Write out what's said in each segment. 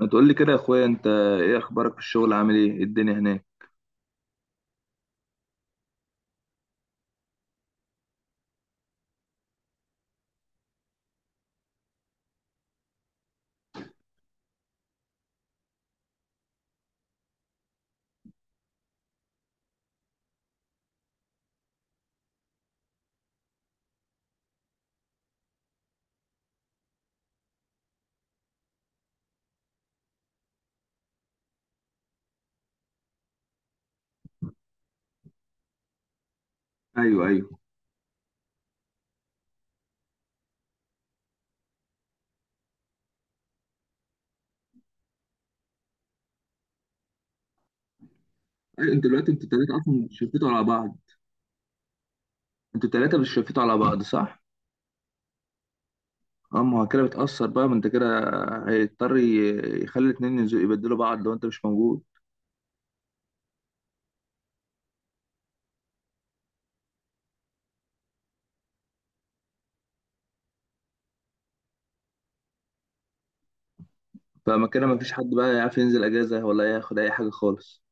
ما تقول لي كده يا اخويا انت. ايه اخبارك في الشغل؟ عامل ايه؟ إيه الدنيا هناك؟ ايوه، ايوه. ايوه، انتوا دلوقتي التلاته اصلا بتشفتوا على بعض؟ انتوا التلاته بتشفتوا على بعض، صح؟ اه، ما هو كده بتأثر بقى، ما انت كده يخلي الاتنين ينزلوا يبدلوا بعض لو انت مش موجود. فما كده ما فيش حد بقى يعرف ينزل اجازه ولا ياخد اي حاجه خالص.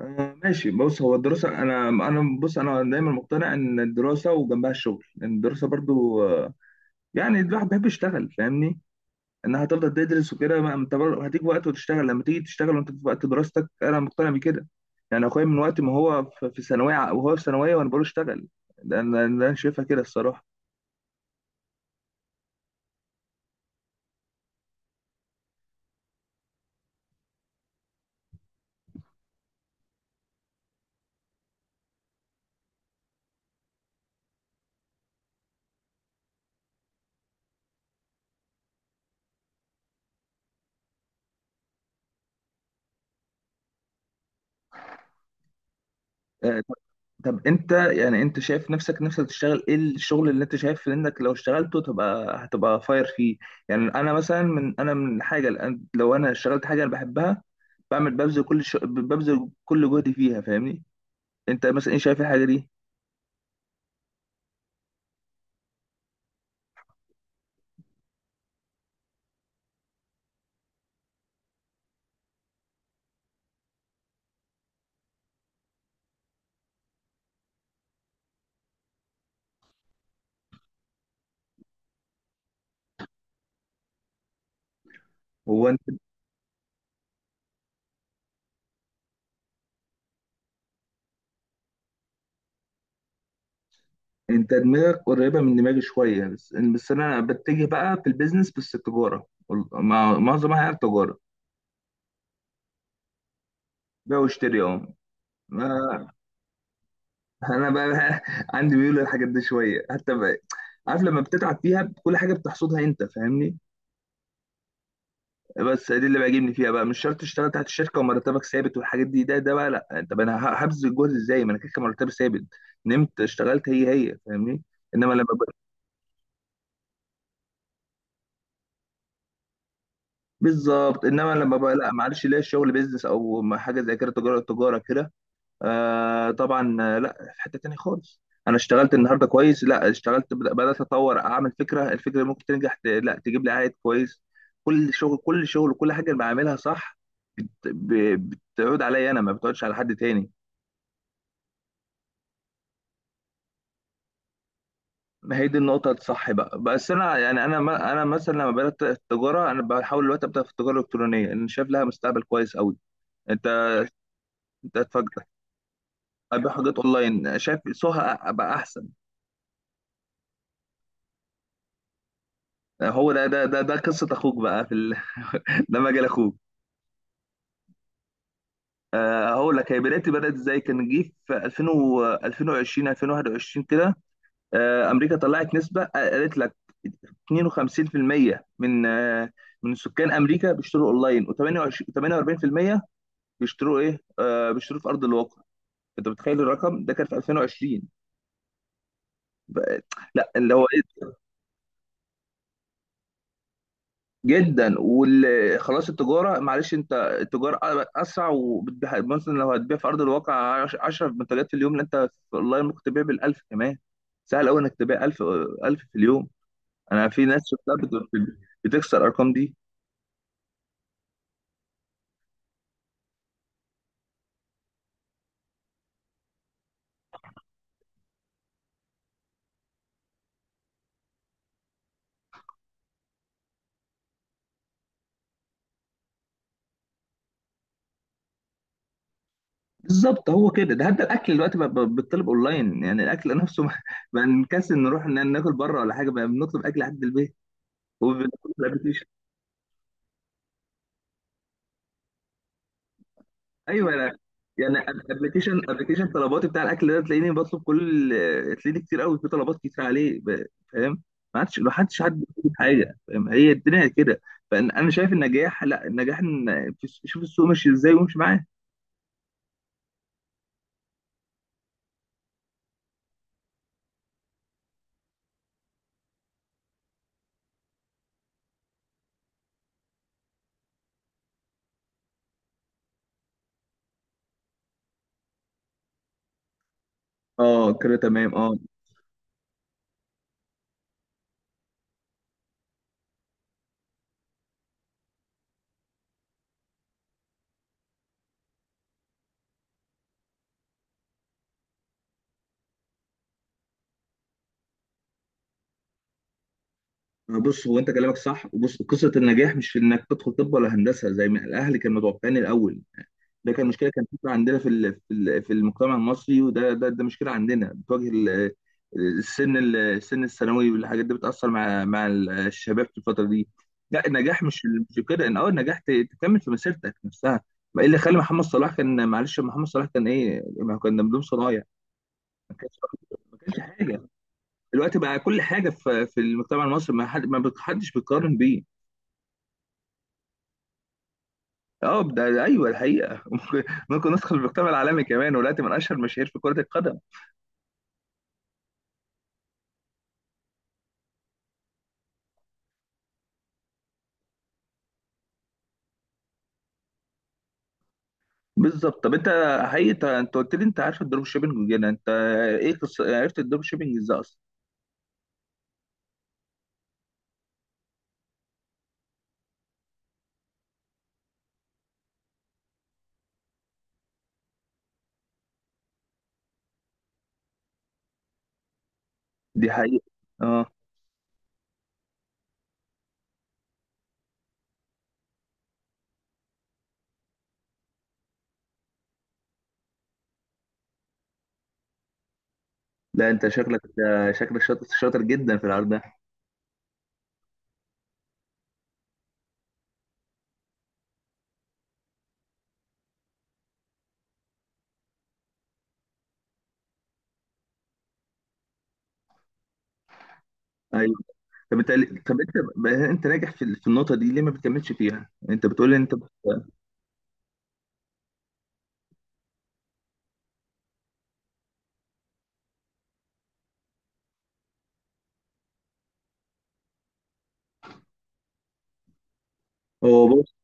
ماشي. بص، هو الدراسه، انا بص انا دايما مقتنع ان الدراسه وجنبها الشغل، لان الدراسه برضو، يعني الواحد بيحب يشتغل فاهمني. انها هتفضل تدرس وكده، ما انت برضه هتيجي وقت وتشتغل، لما تيجي تشتغل وانت في وقت دراستك انا مقتنع بكده. يعني اخويا من وقت ما هو في وهو في ثانويه وانا بقول له اشتغل. ده انا شايفها كده الصراحه. طب، طب انت يعني انت شايف نفسك تشتغل ايه؟ الشغل اللي انت شايف انك لو اشتغلته تبقى هتبقى فاير فيه. يعني انا مثلا من انا من حاجه الآن لو انا اشتغلت حاجه انا بحبها بعمل ببذل كل جهدي فيها فاهمني. انت مثلا ايه شايف الحاجه دي؟ هو انت دماغك قريبه من دماغي شويه، بس انا بتجه بقى في البيزنس، بس التجاره، معظمها هي التجاره. بيع واشتري، اه. ما- انا بقى عندي ميول للحاجات دي شويه حتى بقى. عارف لما بتتعب فيها كل حاجه بتحصدها انت فاهمني. بس دي اللي بيعجبني فيها بقى، مش شرط تشتغل تحت الشركه ومرتبك ثابت والحاجات دي. ده ده بقى لا، طب انا هبذل الجهد ازاي ما انا كده كده مرتبي ثابت؟ نمت اشتغلت هي هي فاهمني. انما لما بالظبط، انما لما بقى لا معلش، ليا الشغل بيزنس او ما حاجه زي كده، تجاره، تجاره كده. آه طبعا. لا في حته تانية خالص. انا اشتغلت النهارده كويس، لا اشتغلت بدات اطور اعمل فكره، الفكره ممكن تنجح، لا تجيب لي عائد كويس. كل شغل كل حاجه اللي بعملها صح بتعود عليا انا، ما بتعودش على حد تاني. ما هي دي النقطة الصح بقى. بس أنا يعني أنا ما أنا مثلا لما بدأت التجارة، أنا بحاول دلوقتي أبدأ في التجارة الإلكترونية، أنا شايف لها مستقبل كويس أوي. أنت، أنت هتفاجئ. ابيع حاجات اونلاين، شايف سوها بقى احسن. هو ده، ده قصه اخوك بقى في ده مجال اخوك. هقول لك هي بدايتي بدات ازاي. كان جه في 2000 و 2020 2021 كده. امريكا طلعت نسبه، قالت لك 52% من، من سكان امريكا بيشتروا اونلاين، و28 48% بيشتروا ايه، بيشتروا في ارض الواقع. انت متخيل؟ الرقم ده كان في 2020. بقى- لا اللي هو إيه؟ جدا. وخلاص، التجاره معلش، انت التجاره اسرع. وبتبيع مثلا لو هتبيع في ارض الواقع 10 منتجات في اليوم، لا انت في اونلاين ممكن تبيع بال1000 كمان. سهل قوي انك تبيع 1000، 1000 في اليوم. انا في ناس شفتها بتكسر الارقام دي. بالظبط. هو كده، ده حتى الاكل دلوقتي بقى بيطلب اونلاين، يعني الاكل نفسه بقى، بقى نكسل نروح ناكل بره ولا حاجه، بقى بنطلب اكل لحد البيت وبنطلب. ايوه انا يعني، ابلكيشن طلباتي بتاع الاكل ده تلاقيني بطلب كل، تلاقيني كتير قوي، في طلبات كتير عليه فاهم. ما عادش، ما حدش حد بيطلب حاجه فاهم، هي الدنيا كده. فانا شايف النجاح، لا النجاح ان شوف السوق ماشي ازاي وامشي معاه. اه كده تمام، اه. بص، هو انت كلامك صح. وبص، قصه النجاح مش في انك تدخل طب ولا هندسه زي ما الاهل كانوا متوقعين الاول. ده كان مشكله كانت بتبقى عندنا في في المجتمع المصري. وده ده ده مشكله عندنا بتواجه السن السن الثانوي والحاجات دي، بتاثر مع الشباب في الفتره دي. لا النجاح مش كده، ان اه النجاح تكمل في مسيرتك نفسها. ما إيه اللي خلى محمد صلاح؟ كان معلش محمد صلاح كان ايه، ما هو كان بدون صنايع. ما كانش ما كانش حاجه. دلوقتي بقى كل حاجه في المجتمع المصري، ما حد، ما حدش بيقارن بيه. اه ده، ايوه، الحقيقه. ممكن ندخل المجتمع العالمي كمان، ودلوقتي من اشهر المشاهير في كره القدم. بالظبط. طب انت، حقيقي انت، قلت لي انت عارف الدروب شيبنج وكده، انت ايه عرفت الدروب شيبنج ازاي اصلا؟ دي حقيقة، اه. لا انت شكلك، شاطر، شاطر جدا في العرض ده. ايوه. طب انت، طب انت انت ناجح في النقطة دي، ليه ما بتكملش فيها؟ انت بتقول لي انت. هو بص،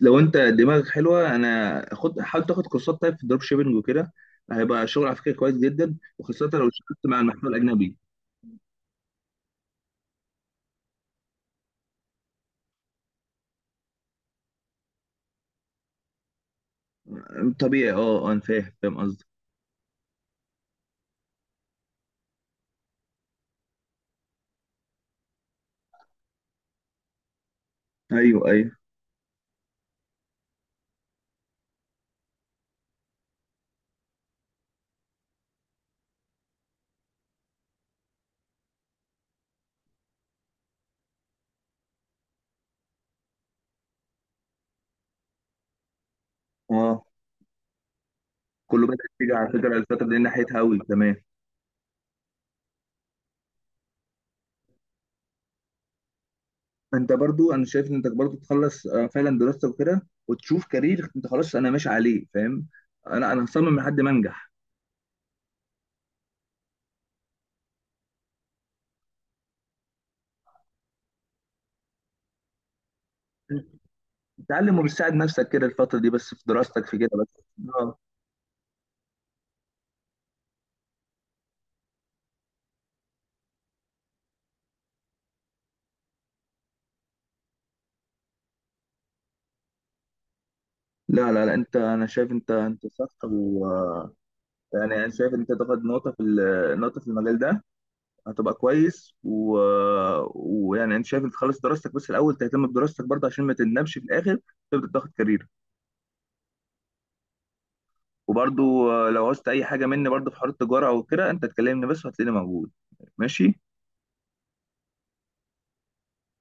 لو انت دماغك حلوة، انا خد حاول تاخد كورسات طيب في الدروب شيبنج وكده، هيبقى شغل على فكرة كويس جدا، وخاصة لو اشتغلت مع المحتوى الاجنبي. طبيعي، اه. انا فاهم، قصدي. ايوه، ايوه، اه. كله بدأت تيجي على فكرة الفترة دي ناحيتها أوي كمان. فأنت برضو، أنا شايف إن أنت برضو تخلص، فعلا دراستك وكده، وتشوف كارير أنت خلاص أنا ماشي عليه فاهم. أنا هصمم لحد ما أنجح. تعلم وبتساعد نفسك كده الفترة دي بس، في دراستك في كده بس. آه. لا، لا، لا، انت انا شايف انت صح. و يعني انا شايف انت تاخد نقطة في نقطة في المجال ده، هتبقى كويس. و... ويعني انا شايف انت تخلص دراستك بس الاول، تهتم بدراستك برضه عشان ما تندمش في الاخر تبدأ تاخد كارير. وبرضو، لو عوزت اي حاجه مني برضو في حوار التجاره او كده، انت تكلمني بس وهتلاقيني موجود. ماشي.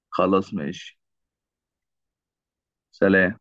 خلاص ماشي. سلام.